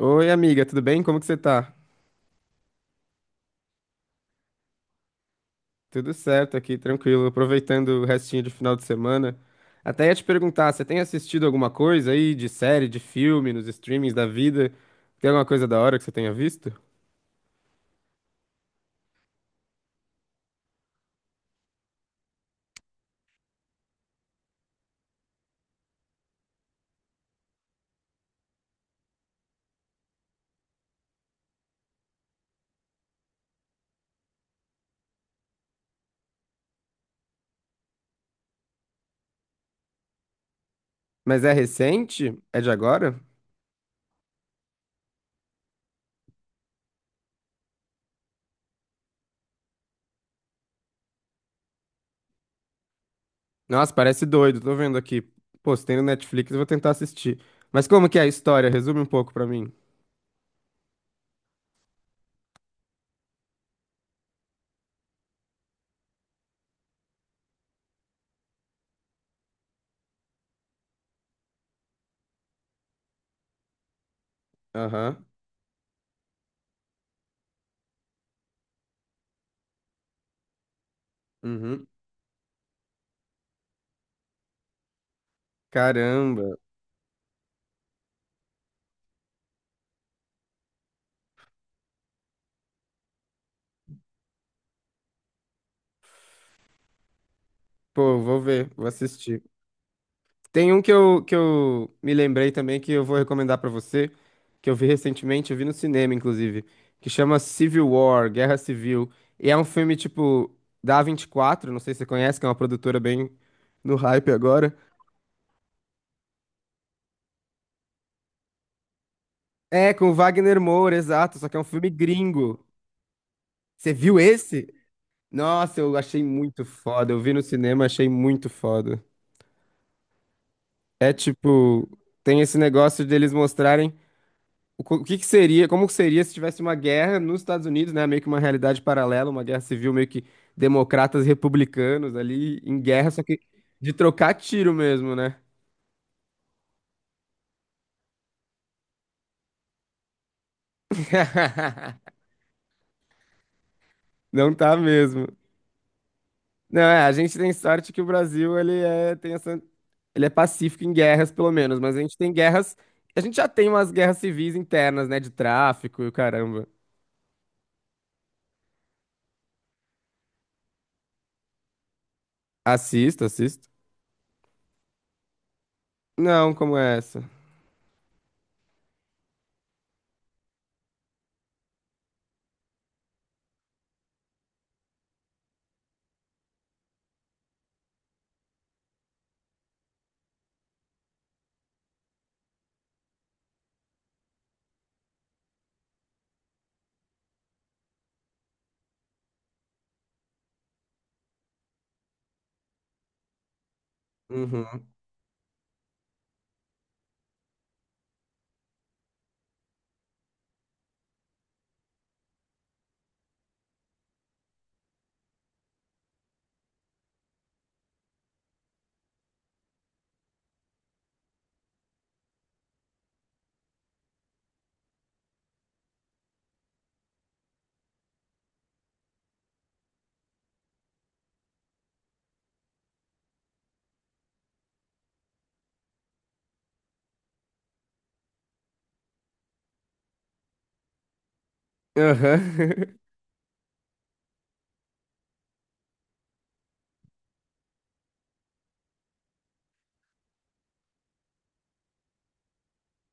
Oi, amiga, tudo bem? Como que você tá? Tudo certo aqui, tranquilo, aproveitando o restinho de final de semana. Até ia te perguntar, você tem assistido alguma coisa aí de série, de filme, nos streamings da vida? Tem alguma coisa da hora que você tenha visto? Mas é recente? É de agora? Nossa, parece doido, tô vendo aqui. Pô, se tem no Netflix, eu vou tentar assistir. Mas como que é a história? Resume um pouco pra mim. Aham. Uhum. Caramba. Pô, vou ver, vou assistir. Tem um que eu me lembrei também que eu vou recomendar pra você, que eu vi recentemente, eu vi no cinema, inclusive, que chama Civil War, Guerra Civil. E é um filme, tipo, da A24, não sei se você conhece, que é uma produtora bem no hype agora. É, com o Wagner Moura, exato, só que é um filme gringo. Você viu esse? Nossa, eu achei muito foda. Eu vi no cinema, achei muito foda. É tipo, tem esse negócio deles mostrarem. O que que seria, como seria se tivesse uma guerra nos Estados Unidos, né? Meio que uma realidade paralela, uma guerra civil meio que democratas e republicanos ali em guerra, só que de trocar tiro mesmo, né? Não tá mesmo. Não, é, a gente tem sorte que o Brasil, ele é, tem essa, ele é pacífico em guerras, pelo menos, mas a gente tem guerras, a gente já tem umas guerras civis internas, né, de tráfico e o caramba. Assisto, assisto. Não, como é essa? Uhum. Aham.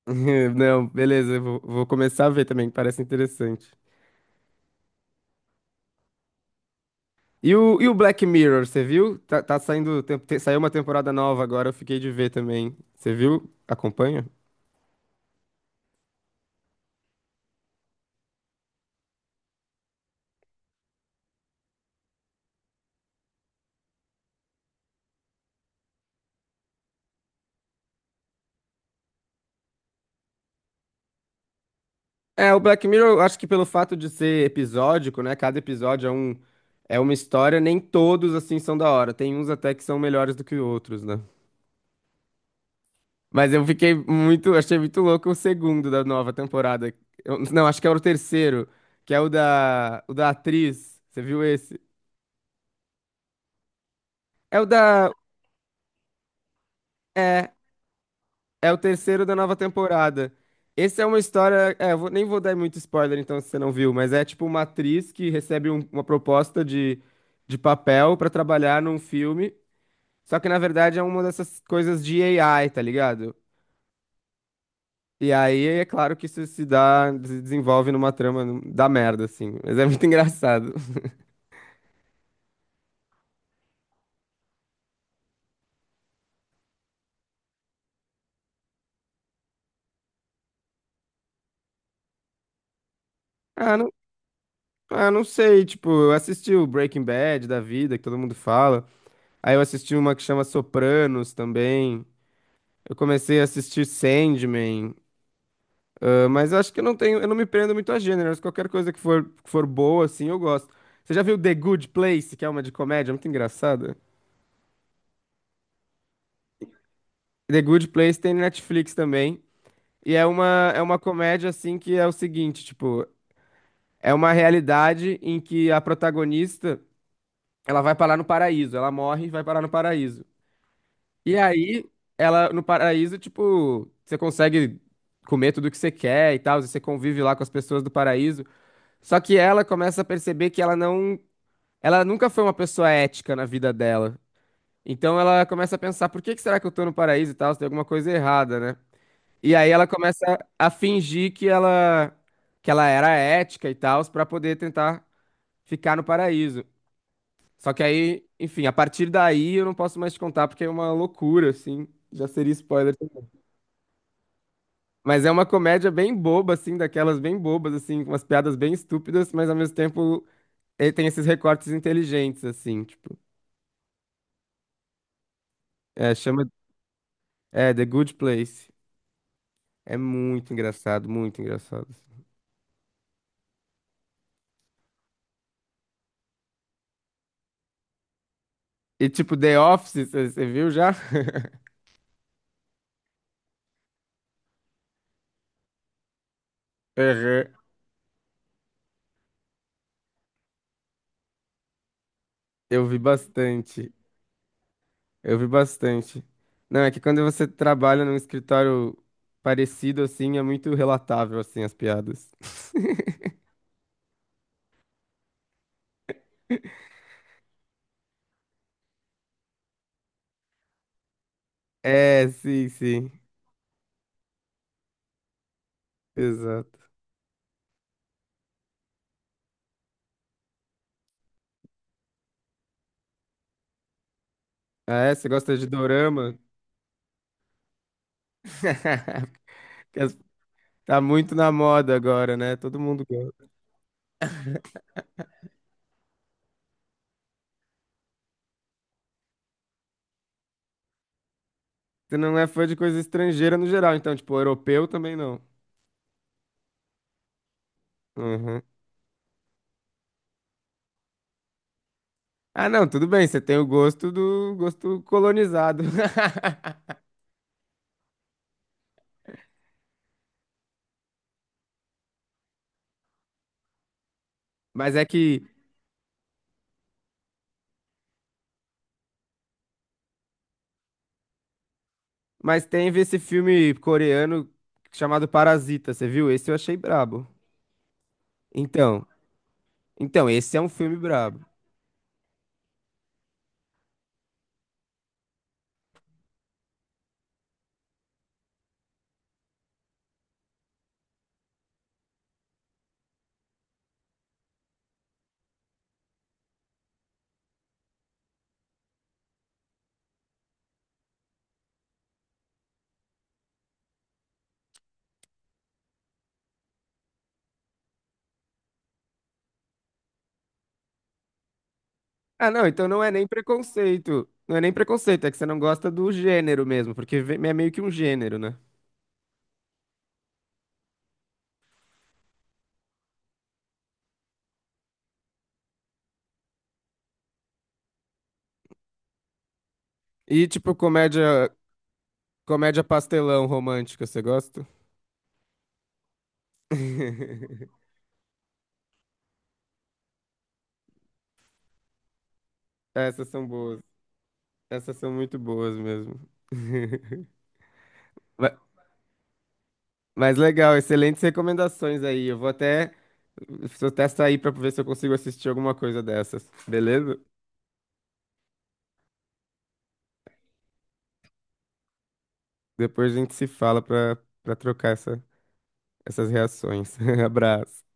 Não, beleza, eu vou, vou começar a ver também, que parece interessante. E o Black Mirror, você viu? Tá, tá saindo, saiu uma temporada nova agora, eu fiquei de ver também. Você viu? Acompanha? É, o Black Mirror, eu acho que pelo fato de ser episódico, né? Cada episódio é um, é uma história, nem todos assim são da hora. Tem uns até que são melhores do que outros, né? Mas eu fiquei muito, achei muito louco o segundo da nova temporada. Não, acho que é o terceiro, que é o da atriz. Você viu esse? É o da. É, é o terceiro da nova temporada. Esse é uma história. É, nem vou dar muito spoiler, então, se você não viu, mas é tipo uma atriz que recebe uma proposta de papel pra trabalhar num filme. Só que, na verdade, é uma dessas coisas de AI, tá ligado? E aí é claro que isso se dá, se desenvolve numa trama da merda, assim. Mas é muito engraçado. Ah, não, ah, não sei, tipo, eu assisti o Breaking Bad da vida, que todo mundo fala. Aí eu assisti uma que chama Sopranos também. Eu comecei a assistir Sandman, ah, mas eu acho que eu não tenho, eu não me prendo muito a gêneros. Qualquer coisa que for boa, assim, eu gosto. Você já viu The Good Place, que é uma de comédia, muito engraçada? The Good Place tem no Netflix também, e é uma comédia, assim, que é o seguinte, tipo, é uma realidade em que a protagonista, ela vai parar no paraíso, ela morre e vai parar no paraíso. E aí, ela, no paraíso, tipo, você consegue comer tudo que você quer e tal, e você convive lá com as pessoas do paraíso. Só que ela começa a perceber que ela não, ela nunca foi uma pessoa ética na vida dela. Então ela começa a pensar, por que que será que eu tô no paraíso e tal? Se tem alguma coisa errada, né? E aí ela começa a fingir que ela era ética e tal, pra poder tentar ficar no paraíso. Só que aí, enfim, a partir daí eu não posso mais te contar porque é uma loucura, assim. Já seria spoiler. Também. Mas é uma comédia bem boba, assim, daquelas bem bobas, assim, com umas piadas bem estúpidas, mas ao mesmo tempo ele tem esses recortes inteligentes, assim, tipo. É, chama. É, The Good Place. É muito engraçado, muito engraçado. Assim. E, tipo, The Office, você viu já? Aham. Eu vi bastante. Eu vi bastante. Não, é que quando você trabalha num escritório parecido, assim, é muito relatável, assim, as piadas. É, sim, sim. Exato. Ah, é? Você gosta de dorama? Que as- Tá muito na moda agora, né? Todo mundo gosta. Você não é fã de coisa estrangeira no geral, então, tipo, europeu também não. Uhum. Ah, não, tudo bem, você tem o gosto do gosto colonizado. Mas é que. Mas teve esse filme coreano chamado Parasita, você viu? Esse eu achei brabo. Então, então, esse é um filme brabo. Ah, não, então não é nem preconceito. Não é nem preconceito, é que você não gosta do gênero mesmo, porque é meio que um gênero, né? E tipo, comédia, Comédia pastelão romântica, você gosta? Essas são boas. Essas são muito boas mesmo. Ma- Mas legal, excelentes recomendações aí. Vou até sair pra ver se eu consigo assistir alguma coisa dessas, beleza? Depois a gente se fala pra, pra trocar essa, essas reações. Abraço.